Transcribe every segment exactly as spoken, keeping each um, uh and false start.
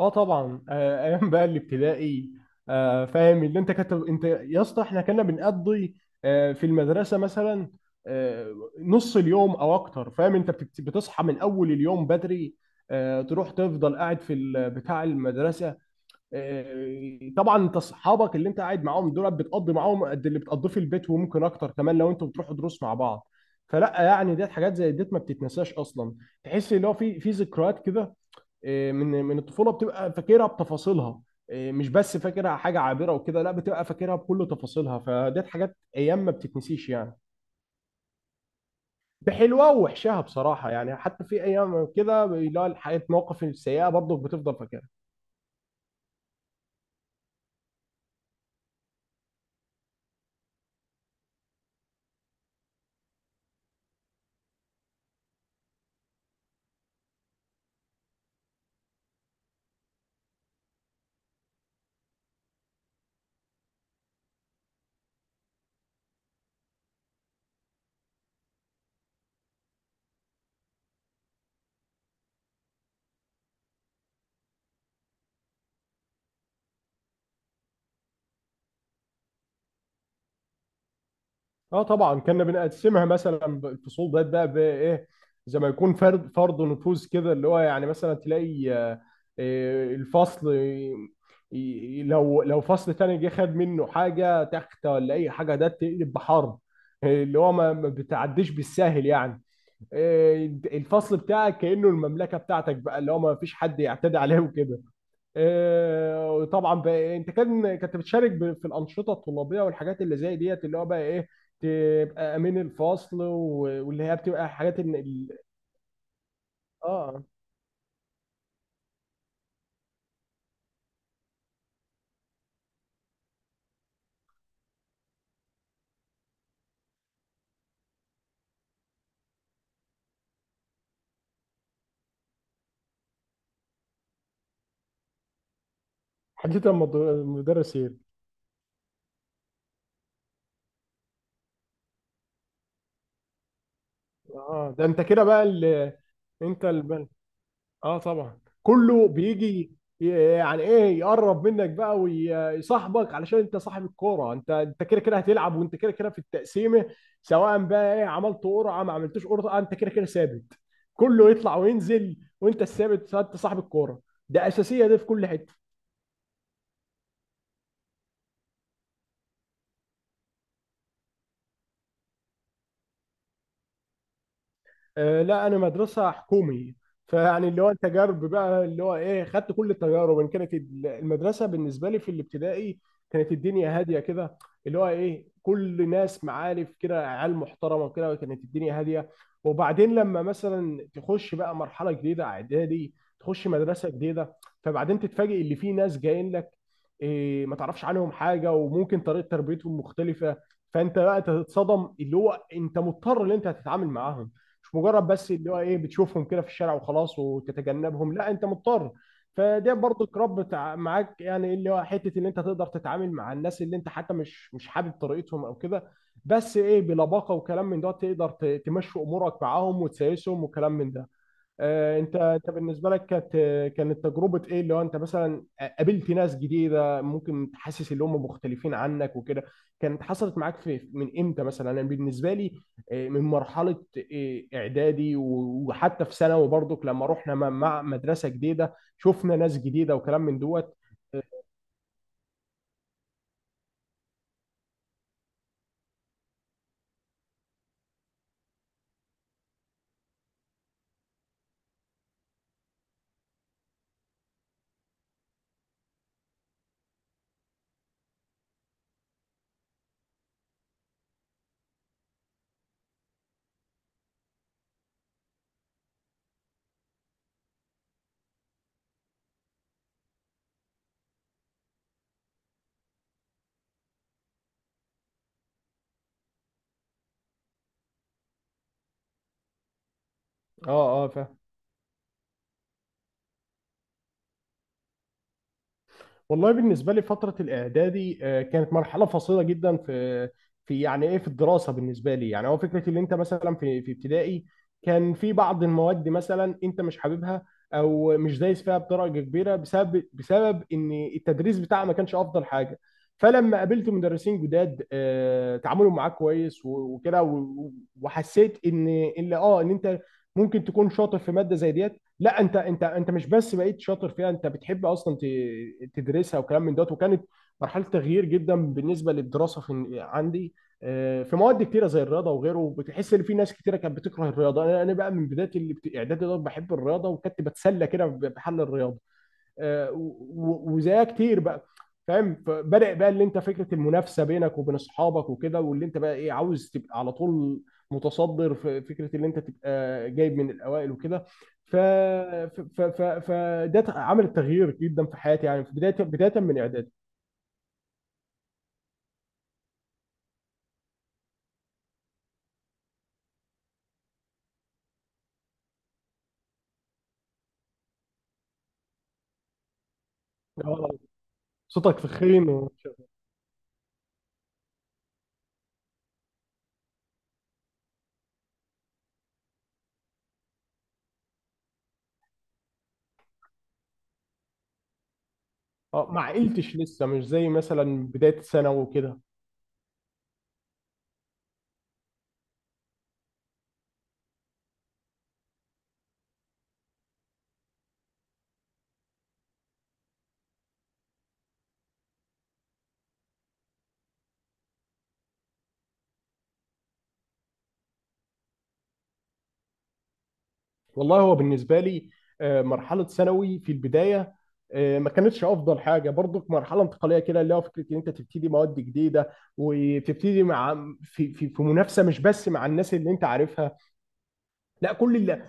اه طبعا، آه، ايام بقى الابتدائي. آه، فاهم اللي انت كنت انت يا اسطى، احنا كنا بنقضي آه، في المدرسه مثلا آه، نص اليوم او اكتر. فاهم، انت بت- بتصحى من اول اليوم بدري، آه، تروح تفضل قاعد في ال- بتاع المدرسه. آه، طبعا، انت اصحابك اللي انت قاعد معاهم دول بتقضي معاهم قد اللي بتقضيه في البيت، وممكن اكتر كمان لو انتوا بتروحوا دروس مع بعض. فلا يعني ديت حاجات زي ديت ما بتتنساش اصلا، تحس اللي هو في في ذكريات كده. آه، من من الطفوله بتبقى فاكرها بتفاصيلها. آه، مش بس فاكرها حاجه عابره وكده، لا، بتبقى فاكرها بكل تفاصيلها. فديت حاجات ايام ما بتتنسيش يعني، بحلوها ووحشها بصراحه. يعني حتى في ايام كده اللي هو الحاجات المواقف السيئه برضه بتفضل فاكرها. اه طبعا. كنا بنقسمها مثلا ب- الفصول ديت بقى بايه، زي ما يكون فرد فرض نفوذ كده، اللي هو يعني مثلا تلاقي آه، آه، الفصل ي- ي- لو لو فصل تاني جه خد منه حاجه تخت ولا اي حاجه ده تقلب بحرب. آه، اللي هو ما ما بتعديش بالساهل يعني. آه، الفصل بتاعك كأنه المملكه بتاعتك بقى، اللي هو ما فيش حد يعتدي عليه وكده. آه، طبعا بقى إيه، انت كان كنت بتشارك ب- في الانشطه الطلابيه والحاجات اللي زي ديت، اللي هو بقى ايه تبقى امين الفصل و- واللي هي بتبقى حاجات ان ال- اه، حديث المد- المدرسين. اه، ده انت كده بقى اللي انت. اه طبعا، كله بيجي، ي- يعني ايه يقرب منك بقى ويصاحبك علشان انت صاحب الكوره. انت انت كده كده هتلعب، وانت كده كده في التقسيمه. سواء بقى ايه عملت قرعه ما عملتوش قرعه، آه، انت كده كده ثابت. كله يطلع وينزل وانت الثابت، انت صاحب الكوره. ده اساسيه دي في كل حته. آه، لا، انا مدرسه حكومي. فيعني اللي هو التجارب بقى اللي هو ايه خدت كل التجارب، ان كانت المدرسه بالنسبه لي في الابتدائي، كانت الدنيا هاديه كده، اللي هو ايه كل ناس معارف كده، عيال محترمه كده. كانت الدنيا هاديه. وبعدين لما مثلا تخش بقى مرحله جديده اعدادي، تخش مدرسه جديده، فبعدين تتفاجئ اللي في ناس جايين لك إيه، ما تعرفش عنهم حاجه، وممكن طريقه تربيتهم مختلفه. فانت بقى تتصدم، اللي هو انت مضطر ان انت هتتعامل معاهم، مش مجرد بس اللي هو ايه بتشوفهم كده في الشارع وخلاص وتتجنبهم، لا انت مضطر. فده برضو الرب تع- معاك يعني، اللي هو حته ان انت تقدر تتعامل مع الناس اللي انت حتى مش مش حابب طريقتهم او كده. بس ايه بلباقه وكلام من ده تقدر ت- تمشي امورك معاهم وتسايسهم وكلام من ده. آه، انت انت بالنسبه لك كانت كانت تجربه ايه، اللي هو انت مثلا قابلت ناس جديده ممكن تحسس اللي هم مختلفين عنك وكده؟ كانت حصلت معاك في من امتى؟ مثلا انا بالنسبه لي آه، من مرحله آه، اعدادي و- وحتى في ثانوي برضك، لما رحنا مع مع مدرسه جديده شفنا ناس جديده وكلام من دوت. اه اه، فاهم. والله بالنسبة لي فترة الإعدادي آه، كانت مرحلة فاصلة جدا في في يعني إيه، في الدراسة بالنسبة لي. يعني هو فكرة اللي أنت مثلا في في ابتدائي كان في بعض المواد مثلا أنت مش حاببها، أو مش دايس فيها بدرجة كبيرة بسبب بسبب إن التدريس بتاعها ما كانش أفضل حاجة. فلما قابلت مدرسين جداد آه، تعاملهم معاك كويس و- وكده و- وحسيت إن اللي أه إن أنت ممكن تكون شاطر في مادة زي ديت. لا، انت انت انت مش بس بقيت شاطر فيها، انت بتحب اصلا ت- تدرسها وكلام من دوت. وكانت مرحله تغيير جدا بالنسبه للدراسه في عندي. آه، في مواد كتيره زي الرياضه وغيره، بتحس ان في ناس كتيره كانت بتكره الرياضه. انا انا بقى من بدايه الابت- اعدادي دوت بحب الرياضه، وكنت بتسلى كده بحل الرياضه وزيها كتير بقى. فاهم، فبدأ بقى اللي انت فكره المنافسه بينك وبين اصحابك وكده، واللي انت بقى ايه عاوز تبقى على طول متصدر، في فكره اللي انت تبقى جايب من الاوائل وكده. ف ف ف ف فده ت- عمل تغيير جدا في حياتي يعني، في بدايه بدايه من اعدادي. آه، صوتك فخين و... آه، ما عقلتش لسه، مش زي مثلا بدايه ثانوي وكده. والله هو بالنسبة لي آه، مرحلة ثانوي في البداية آه، ما كانتش أفضل حاجة برضك. مرحلة انتقالية كده، اللي هو فكرة إن أنت تبتدي مواد جديدة وتبتدي مع، في في في منافسة، مش بس مع الناس اللي أنت عارفها، لا كل اللي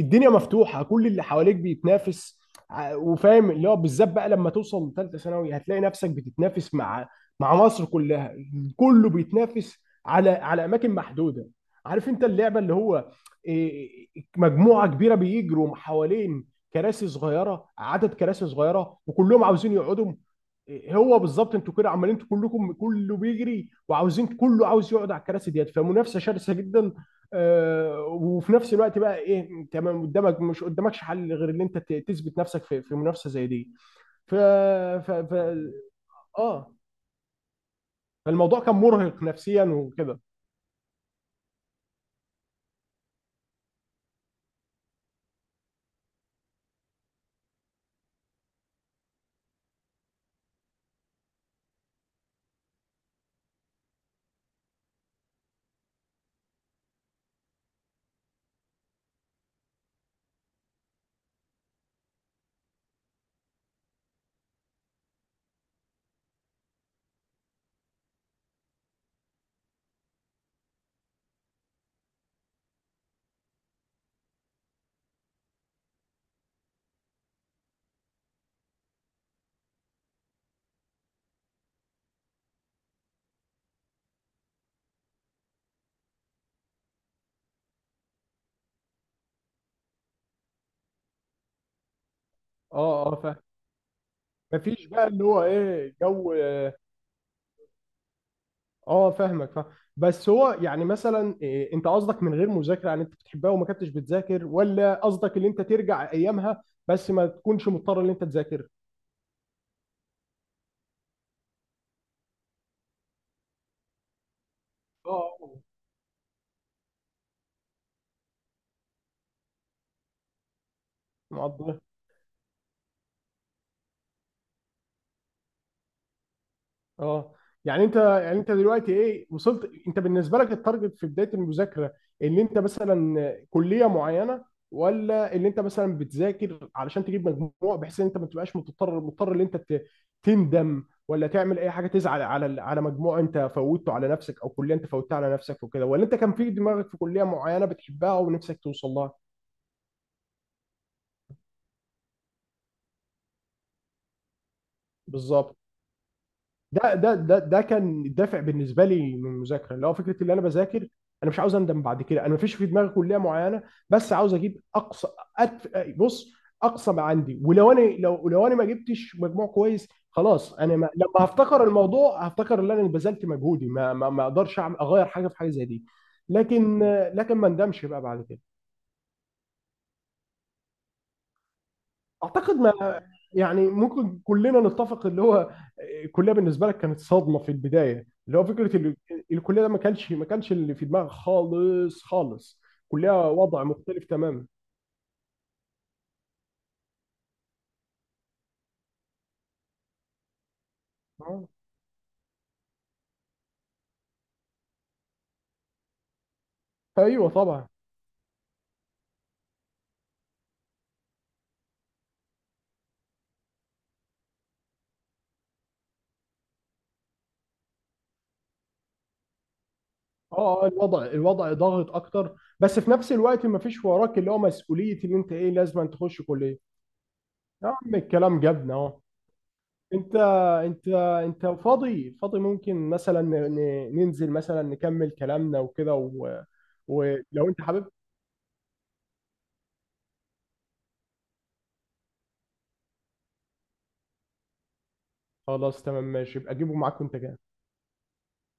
الدنيا مفتوحه، كل اللي حواليك بيتنافس. ع- وفاهم اللي هو بالذات بقى لما توصل لثالثه ثانوي هتلاقي نفسك بتتنافس مع مع مصر كلها. كله بيتنافس على على اماكن محدوده. عارف انت اللعبه اللي هو إيه، مجموعه كبيره بيجروا حوالين كراسي صغيره، عدد كراسي صغيره وكلهم عاوزين يقعدوا. إيه، هو بالظبط، انتوا كده عمالين، انتوا كلكم كله بيجري وعاوزين، كله عاوز يقعد على الكراسي ديت، فمنافسه شرسه جدا. آه، وفي نفس الوقت بقى ايه تمام، قدامك مش قدامكش حل غير ان انت ت- تثبت نفسك في في منافسه زي دي. ف ف, ف... اه، فالموضوع كان مرهق نفسيا وكده. اه اه، ف مفيش بقى اللي هو ايه جو. اه، فاهمك، فاهم. بس هو يعني مثلا إيه، انت قصدك من غير مذاكره يعني انت بتحبها وما كنتش بتذاكر، ولا قصدك ان انت ترجع ايامها بس ما تكونش مضطر ان انت تذاكر؟ اه آه، مقضيها. اه، يعني انت، يعني انت دلوقتي ايه وصلت؟ انت بالنسبه لك التارجت في بدايه المذاكره ان انت مثلا كليه معينه، ولا ان انت مثلا بتذاكر علشان تجيب مجموع بحيث ان انت ما تبقاش مضطر مضطر ان انت ت- تندم ولا تعمل اي حاجه، تزعل على ال- على مجموع انت فوتته على نفسك او كليه انت فوتتها على نفسك وكده، ولا انت كان في دماغك في كليه معينه بتحبها ونفسك توصل لها؟ بالظبط، ده ده ده ده كان الدافع بالنسبه لي من المذاكره، اللي هو فكره اللي انا بذاكر. انا مش عاوز اندم بعد كده. انا مفيش في دماغي كليه معينه، بس عاوز اجيب اقصى. أتف... بص، اقصى ما عندي. ولو انا لو لو انا ما جبتش مجموع كويس، خلاص. انا ما... لما هفتكر الموضوع هفتكر ان انا بذلت مجهودي، ما ما ما اقدرش أعمل... اغير حاجه في حاجه زي دي. لكن لكن ما اندمش بقى بعد كده. اعتقد ما، يعني ممكن كلنا نتفق اللي هو الكليه بالنسبه لك كانت صدمه في البدايه، اللي هو فكره ال- الكليه ده ما كانش ما كانش اللي في دماغك خالص خالص. كليه، وضع مختلف تماما. آه. ايوه طبعا. اه آه، الوضع الوضع ضاغط اكتر، بس في نفس الوقت ما فيش وراك اللي هو مسؤوليه اللي انت ايه لازم أن تخش كليه. يا عم الكلام جبنا اهو. انت انت انت فاضي فاضي؟ ممكن مثلا ن- ن- ننزل مثلا نكمل كلامنا وكده و... ولو انت حابب. خلاص، تمام، ماشي، يبقى جيبه معاك وانت جاي.